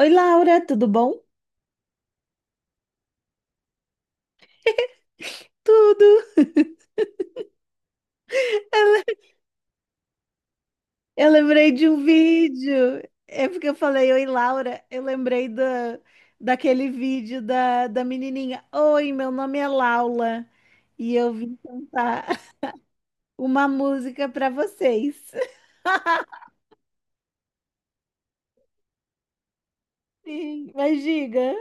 Oi, Laura, tudo bom? Tudo. Eu lembrei de um vídeo. É porque eu falei, oi, Laura. Eu lembrei daquele vídeo da menininha. Oi, meu nome é Laura e eu vim cantar uma música para vocês. Sim, mas diga.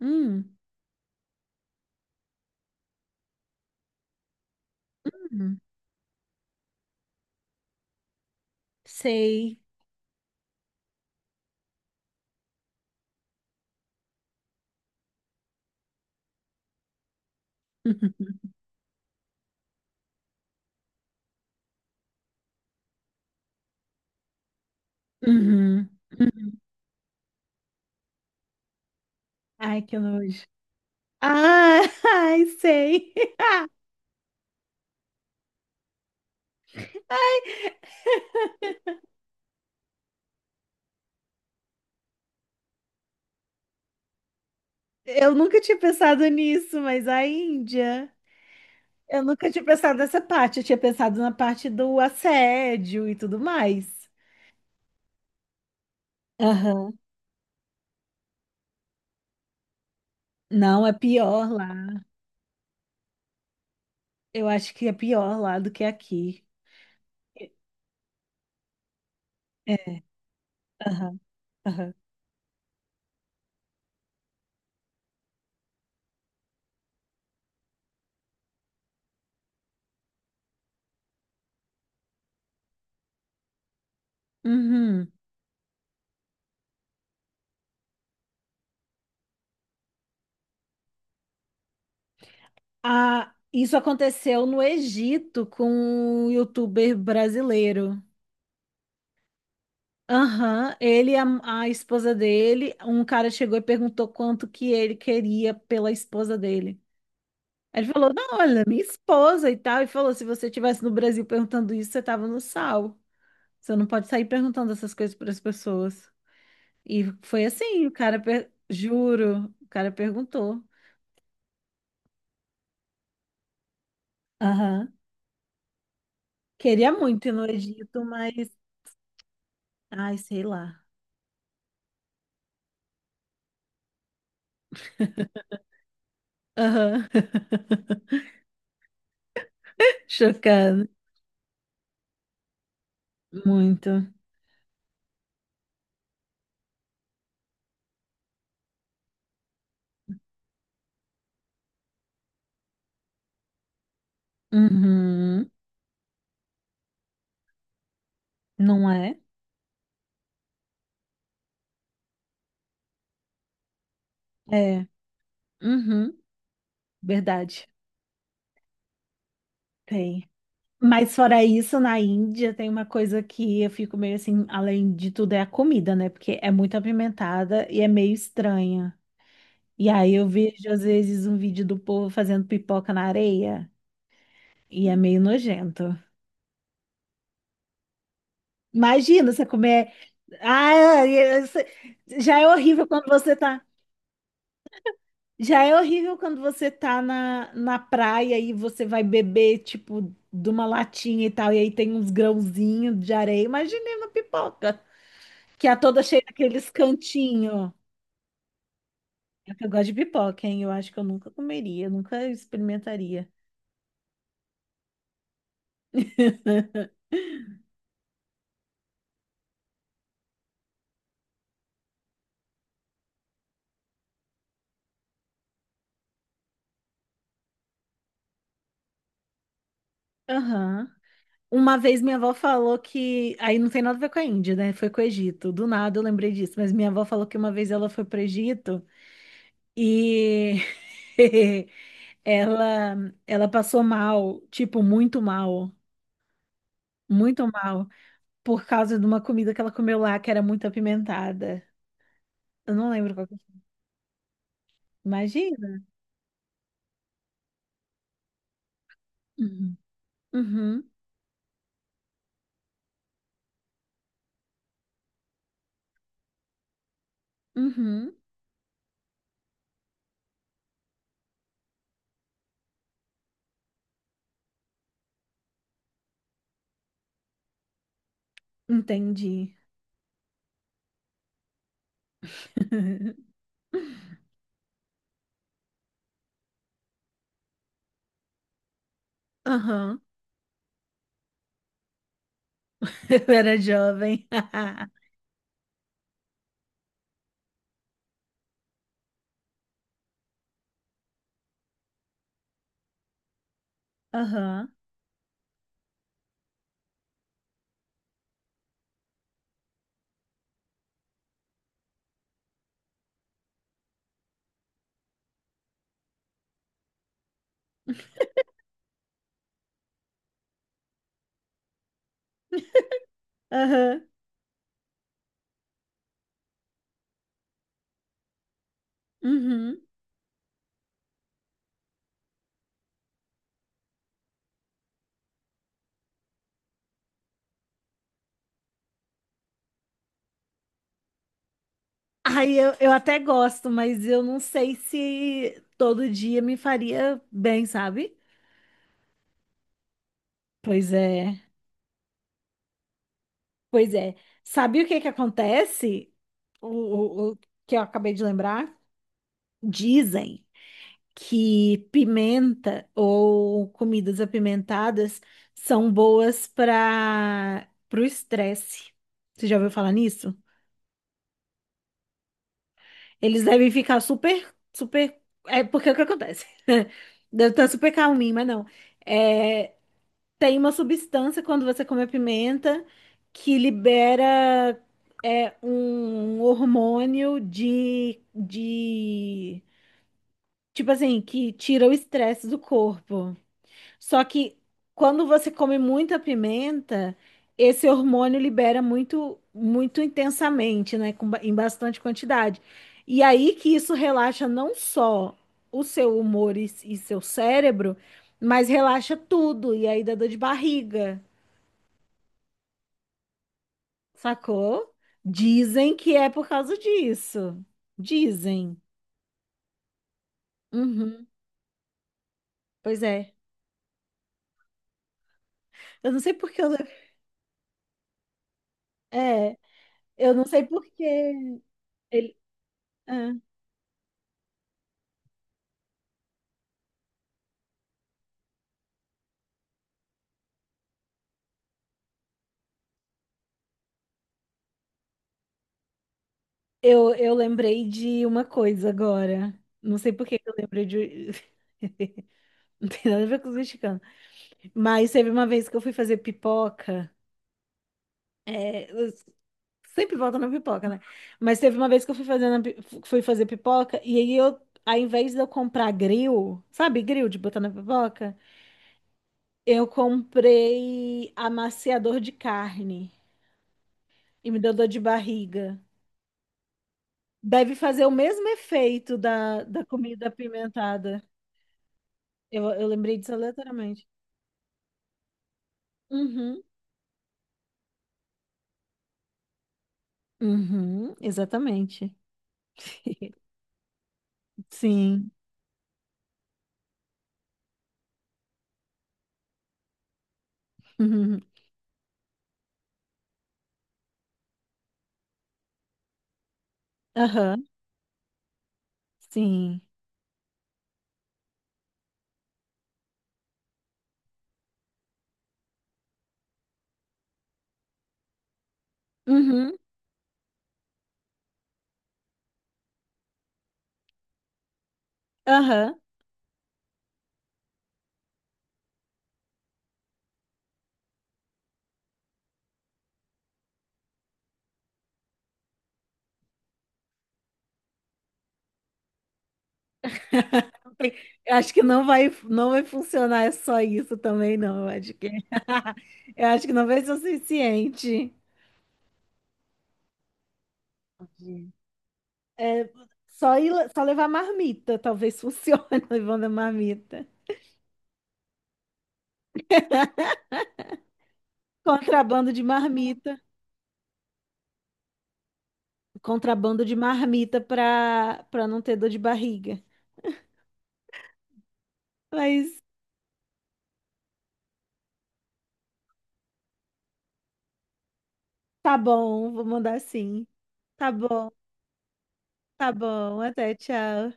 Hum, hum, sei. Uhum, uhum. Ai, que nojo. Ah, ai, sei. Eu nunca tinha pensado nisso, mas a Índia. Eu nunca tinha pensado nessa parte, eu tinha pensado na parte do assédio e tudo mais. Aham. Não, é pior lá. Eu acho que é pior lá do que aqui. É. Aham. Aham. Uhum. Ah, isso aconteceu no Egito com um youtuber brasileiro. Aham. Ele e a esposa dele, um cara chegou e perguntou quanto que ele queria pela esposa dele. Ele falou, não, olha, minha esposa e tal. E falou, se você estivesse no Brasil perguntando isso, você tava no sal. Você não pode sair perguntando essas coisas para as pessoas. E foi assim, o cara, juro, o cara perguntou. Aham. Queria muito ir no Egito, mas, ai, sei lá. Aham. Chocado. Muito. Uhum. Não é? É. Uhum. Verdade. Tem. Mas fora isso, na Índia tem uma coisa que eu fico meio assim, além de tudo, é a comida, né? Porque é muito apimentada e é meio estranha. E aí eu vejo, às vezes, um vídeo do povo fazendo pipoca na areia e é meio nojento. Imagina você comer. Ah, já é horrível quando você tá. Já é horrível quando você tá na praia e você vai beber, tipo, de uma latinha e tal, e aí tem uns grãozinhos de areia. Imagina uma pipoca. Que é toda cheia daqueles cantinhos. É que eu gosto de pipoca, hein? Eu acho que eu nunca comeria, nunca experimentaria. Aham. Uma vez minha avó falou que. Aí não tem nada a ver com a Índia, né? Foi com o Egito. Do nada eu lembrei disso. Mas minha avó falou que uma vez ela foi pro Egito e ela, ela passou mal, tipo, muito mal. Muito mal. Por causa de uma comida que ela comeu lá que era muito apimentada. Eu não lembro qual que foi. Imagina. Uhum. Uhum. Uhum. Entendi. Aham. Eu era jovem. Aham. Aham. Uhum. Aí eu até gosto, mas eu não sei se todo dia me faria bem, sabe? Pois é. Pois é. Sabe o que que acontece? O que eu acabei de lembrar? Dizem que pimenta ou comidas apimentadas são boas para o estresse. Você já ouviu falar nisso? Eles devem ficar super, super. É porque é o que acontece? Deve estar super calminho, mas não. É, tem uma substância quando você come a pimenta que libera é, um hormônio de. Tipo assim, que tira o estresse do corpo. Só que quando você come muita pimenta, esse hormônio libera muito, muito intensamente, né? Com em bastante quantidade. E aí que isso relaxa não só o seu humor e seu cérebro, mas relaxa tudo. E aí dá dor de barriga, sacou? Dizem que é por causa disso. Dizem. Uhum. Pois é. Eu não sei porque eu. É, eu não sei porque. Ele. Eu lembrei de uma coisa agora. Não sei por que que eu lembrei de. Não tem nada a ver com os mexicanos. Mas teve uma vez que eu fui fazer pipoca. É, eu sempre volta na pipoca, né? Mas teve uma vez que eu fui fazer pipoca e aí eu, ao invés de eu comprar grill, sabe, grill de botar na pipoca, eu comprei amaciador de carne e me deu dor de barriga. Deve fazer o mesmo efeito da comida apimentada. Eu lembrei disso aleatoriamente. Uhum. Uhum, exatamente. Sim. Uhum. Aham, sim. Uhum. Aham. Eu acho que não vai funcionar só isso também, não. Eu acho que, eu acho que não vai ser o suficiente. Entendi. É, só, ir, só levar marmita, talvez funcione levando a marmita. Contrabando de marmita. Contrabando de marmita para não ter dor de barriga. Mas tá bom, vou mandar sim. Tá bom, tá bom. Até, tchau.